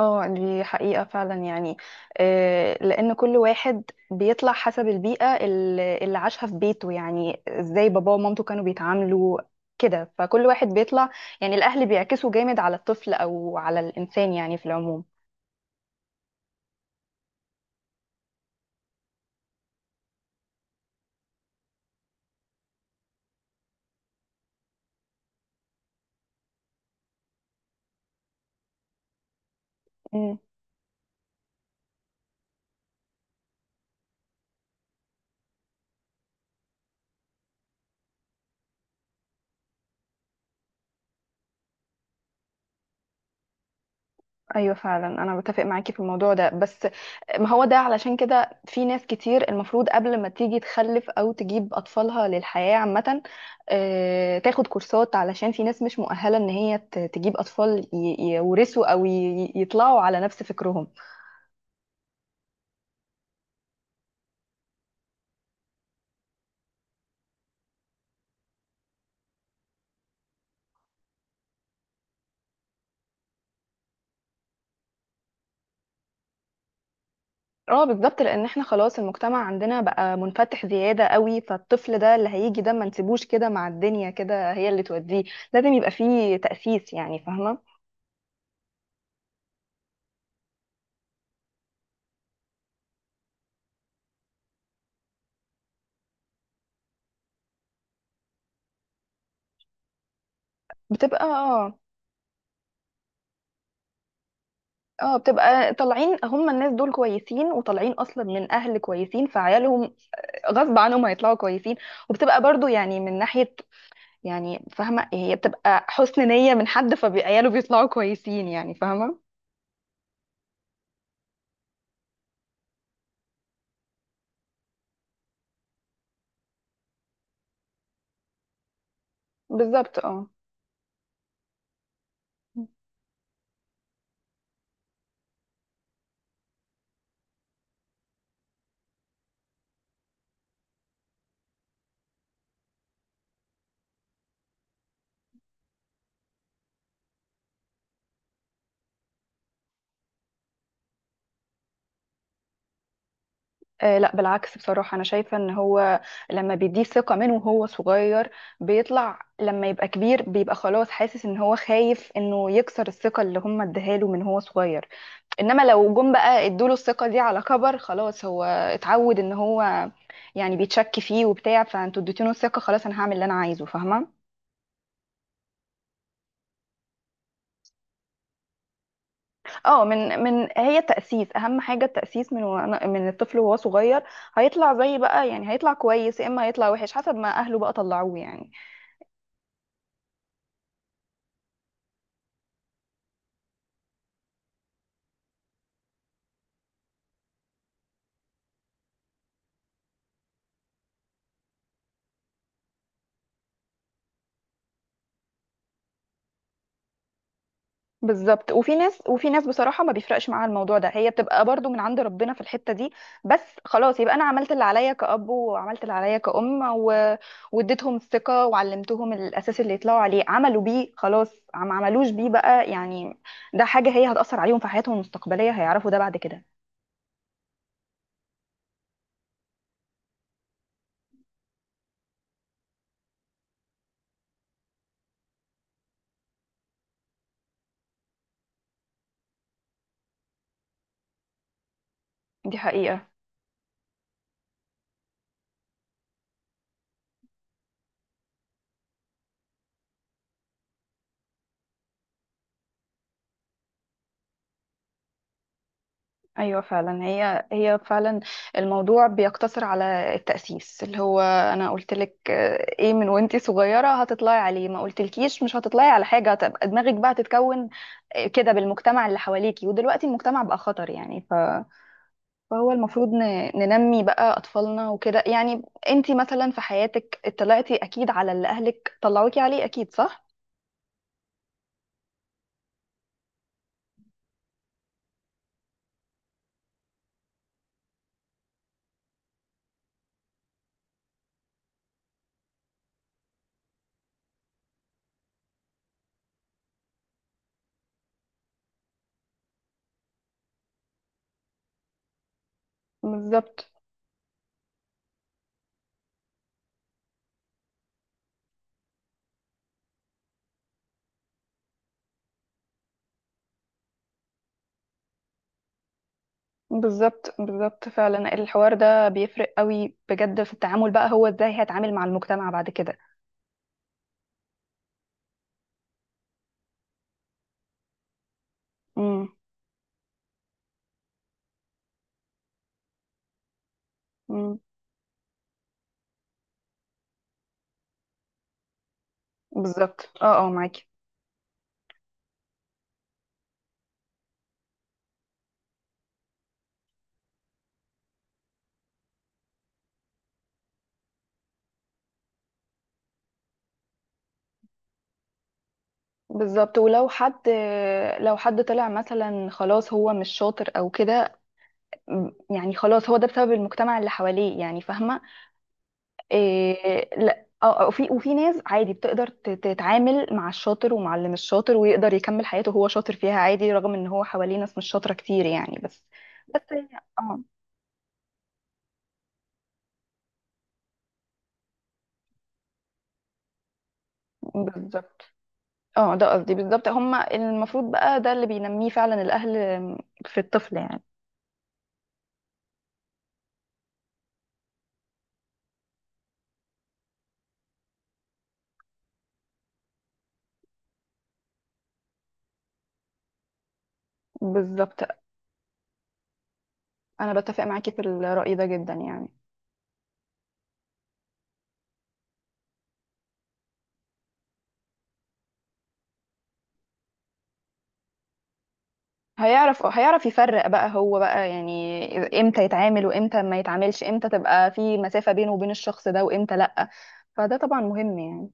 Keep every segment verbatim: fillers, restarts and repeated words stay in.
اه، دي حقيقة فعلا يعني. آه، لأن كل واحد بيطلع حسب البيئة ال- اللي عاشها في بيته، يعني ازاي باباه ومامته كانوا بيتعاملوا كده، فكل واحد بيطلع. يعني الأهل بيعكسوا جامد على الطفل أو على الإنسان يعني في العموم. ايوه فعلا، انا بتفق معاكي في الموضوع ده. بس ما هو ده علشان كده في ناس كتير المفروض قبل ما تيجي تخلف او تجيب اطفالها للحياه عامه، آه، تاخد كورسات، علشان في ناس مش مؤهله ان هي ت- تجيب اطفال ي- يورثوا او ي- ي- يطلعوا على نفس فكرهم. اه بالظبط، لان احنا خلاص المجتمع عندنا بقى منفتح زياده قوي، فالطفل ده اللي هيجي ده ما نسيبوش كده مع الدنيا، كده هي اللي توديه. لازم يبقى فيه تاسيس يعني، فاهمه. بتبقى، آه. اه بتبقى طالعين هم، الناس دول كويسين وطالعين اصلا من اهل كويسين، فعيالهم غصب عنهم هيطلعوا كويسين. وبتبقى برضو يعني من ناحية، يعني فاهمة، هي بتبقى حسن نية من حد، فعياله بيطلعوا كويسين يعني، فاهمة. بالظبط، اه. آه، لا، بالعكس، بصراحة أنا شايفة إن هو لما بيديه ثقة منه وهو صغير، بيطلع لما يبقى كبير بيبقى خلاص حاسس إن هو خايف إنه يكسر الثقة اللي هم اديها له من هو صغير. انما لو جم بقى ادوله الثقة دي على كبر، خلاص هو اتعود ان هو يعني بيتشك فيه وبتاع، فانتوا اديتوله الثقة، خلاص انا هعمل اللي انا عايزه، فاهمة. اه، من من هي التأسيس اهم حاجة، التأسيس من وانا- من الطفل وهو صغير. هيطلع زي بقى يعني، هيطلع كويس يا اما هيطلع وحش حسب ما اهله بقى طلعوه يعني. بالظبط. وفي ناس وفي ناس بصراحة ما بيفرقش معاها الموضوع ده، هي بتبقى برضو من عند ربنا في الحتة دي. بس خلاص يبقى أنا عملت اللي عليا كأب وعملت اللي عليا كأم و... واديتهم الثقة وعلمتهم الأساس اللي يطلعوا عليه، عملوا بيه خلاص، ما عملوش بيه بقى يعني. ده حاجة هي هتأثر عليهم في حياتهم المستقبلية، هيعرفوا ده بعد كده. دي حقيقة. ايوه فعلا، هي هي فعلا الموضوع بيقتصر على التأسيس، اللي هو انا قلت لك آه، ايه من وانتي صغيرة هتطلعي عليه، ما قلتلكيش مش هتطلعي على حاجة، هتبقى دماغك بقى تتكون آه، كده بالمجتمع اللي حواليكي. ودلوقتي المجتمع بقى خطر يعني، ف... فهو المفروض ن... ننمي بقى اطفالنا وكده يعني. انتي مثلا في حياتك اطلعتي اكيد على اللي اهلك طلعوكي عليه، اكيد صح؟ بالظبط، بالظبط، بالظبط. فعلا الحوار ده بيفرق قوي بجد في التعامل بقى، هو ازاي هيتعامل مع المجتمع بعد كده. امم. امم. بالظبط، اه، اه، معاكي. بالظبط. ولو حد، لو حد طلع مثلا خلاص هو مش شاطر او كده. م- يعني خلاص هو ده بسبب المجتمع اللي حواليه يعني، فاهمه. إيه، لا، اه. آه، وفي وفي ناس عادي بتقدر ت- تتعامل مع الشاطر ومع اللي مش شاطر، ويقدر يكمل حياته وهو شاطر فيها عادي رغم ان هو حواليه ناس مش شاطره كتير يعني، بس. بس هي- اه. بالظبط، اه، ده قصدي بالظبط. هما المفروض بقى ده اللي بينميه فعلا الأهل في الطفل يعني. بالظبط، أنا بتفق معاكي في الرأي ده جدا يعني. هيعرف هيعرف يفرق بقى هو بقى، يعني إذا- امتى يتعامل وامتى ما يتعاملش، امتى تبقى في مسافة بينه وبين الشخص ده وامتى لأ. فده طبعا مهم يعني.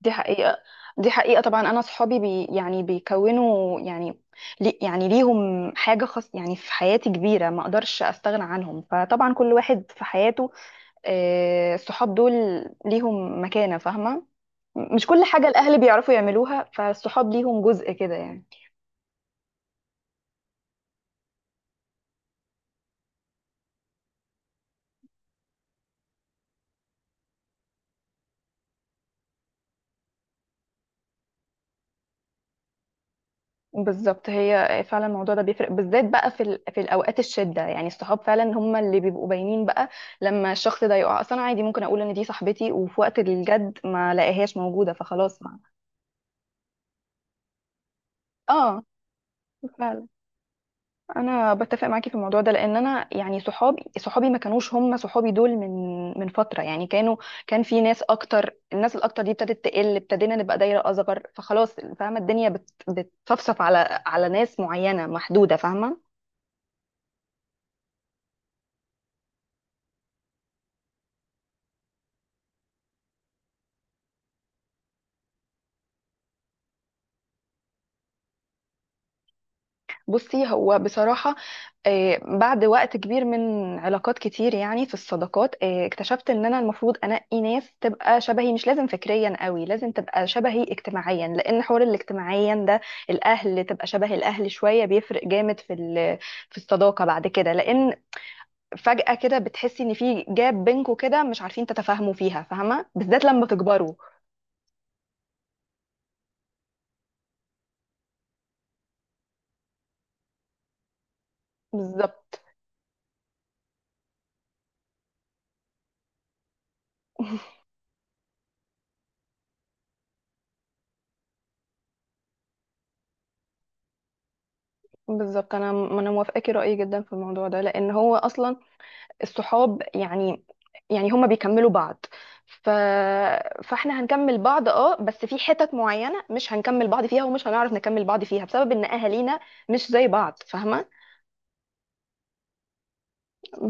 دي حقيقة. دي حقيقة طبعا. أنا صحابي بي يعني بيكونوا يعني لي يعني ليهم حاجة خاص يعني في حياتي كبيرة، ما أقدرش أستغنى عنهم. فطبعا كل واحد في حياته، آه، الصحاب دول ليهم مكانة، فاهمة. مش كل حاجة الأهل بيعرفوا يعملوها، فالصحاب ليهم جزء كده يعني. بالظبط، هي فعلا الموضوع ده بيفرق بالذات بقى في ال... في الأوقات الشدة يعني، الصحاب فعلا هم اللي بيبقوا باينين بقى لما الشخص ده يقع. أصلا عادي ممكن أقول إن دي صاحبتي، وفي وقت الجد ما لاقيهاش موجودة، فخلاص ما. اه، فعلا انا بتفق معاكي في الموضوع ده، لان انا يعني صحابي، صحابي ما كانوش هم صحابي دول من من فتره يعني، كانوا، كان في ناس اكتر. الناس الاكتر دي ابتدت تقل، ابتدينا نبقى دايره اصغر، فخلاص، فاهمه. الدنيا بت... بتصفصف على على ناس معينه محدوده، فاهمه. بصي هو بصراحة، آه، بعد وقت كبير من علاقات كتير يعني في الصداقات، آه، اكتشفت ان انا المفروض انقي ناس تبقى شبهي، مش لازم فكريا قوي، لازم تبقى شبهي اجتماعيا، لان حوار الاجتماعيا ده، الاهل تبقى شبه الاهل شوية، بيفرق جامد في ال- في الصداقة بعد كده. لان فجأة كده بتحسي ان في جاب بينكوا كده، مش عارفين تتفاهموا فيها، فاهمة، بالذات لما تكبروا. بالظبط، بالظبط. انا انا موافقاكي رأيي جدا في الموضوع ده، لان هو اصلا الصحاب يعني، يعني هما بيكملوا بعض. ف... فاحنا هنكمل بعض، اه، بس في حتت معينة مش هنكمل بعض فيها، ومش هنعرف نكمل بعض فيها بسبب ان اهالينا مش زي بعض، فاهمة.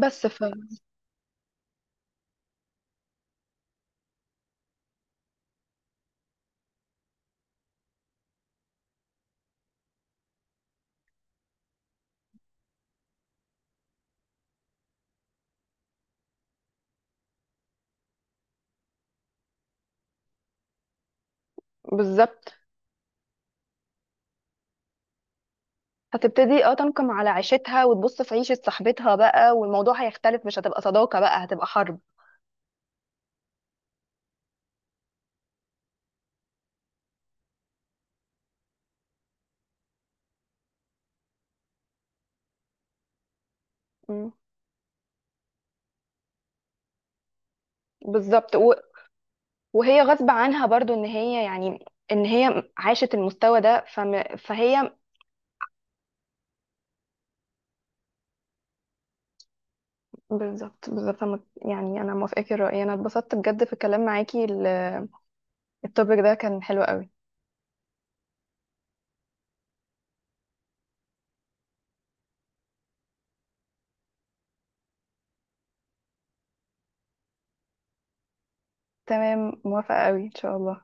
بس ف بالظبط. هتبتدي اه تنقم على عيشتها وتبص في عيشة صاحبتها بقى، والموضوع هيختلف، مش هتبقى صداقة بقى، هتبقى حرب. مم. بالظبط. و... وهي غصب عنها برضو ان هي يعني ان هي عاشت المستوى ده، فم... فهي. بالظبط، بالظبط. أنا- يعني انا موافقاكي الرأي، انا اتبسطت بجد في الكلام معاكي. ال- التوبيك ده كان حلو قوي. تمام، موافقة قوي ان شاء الله.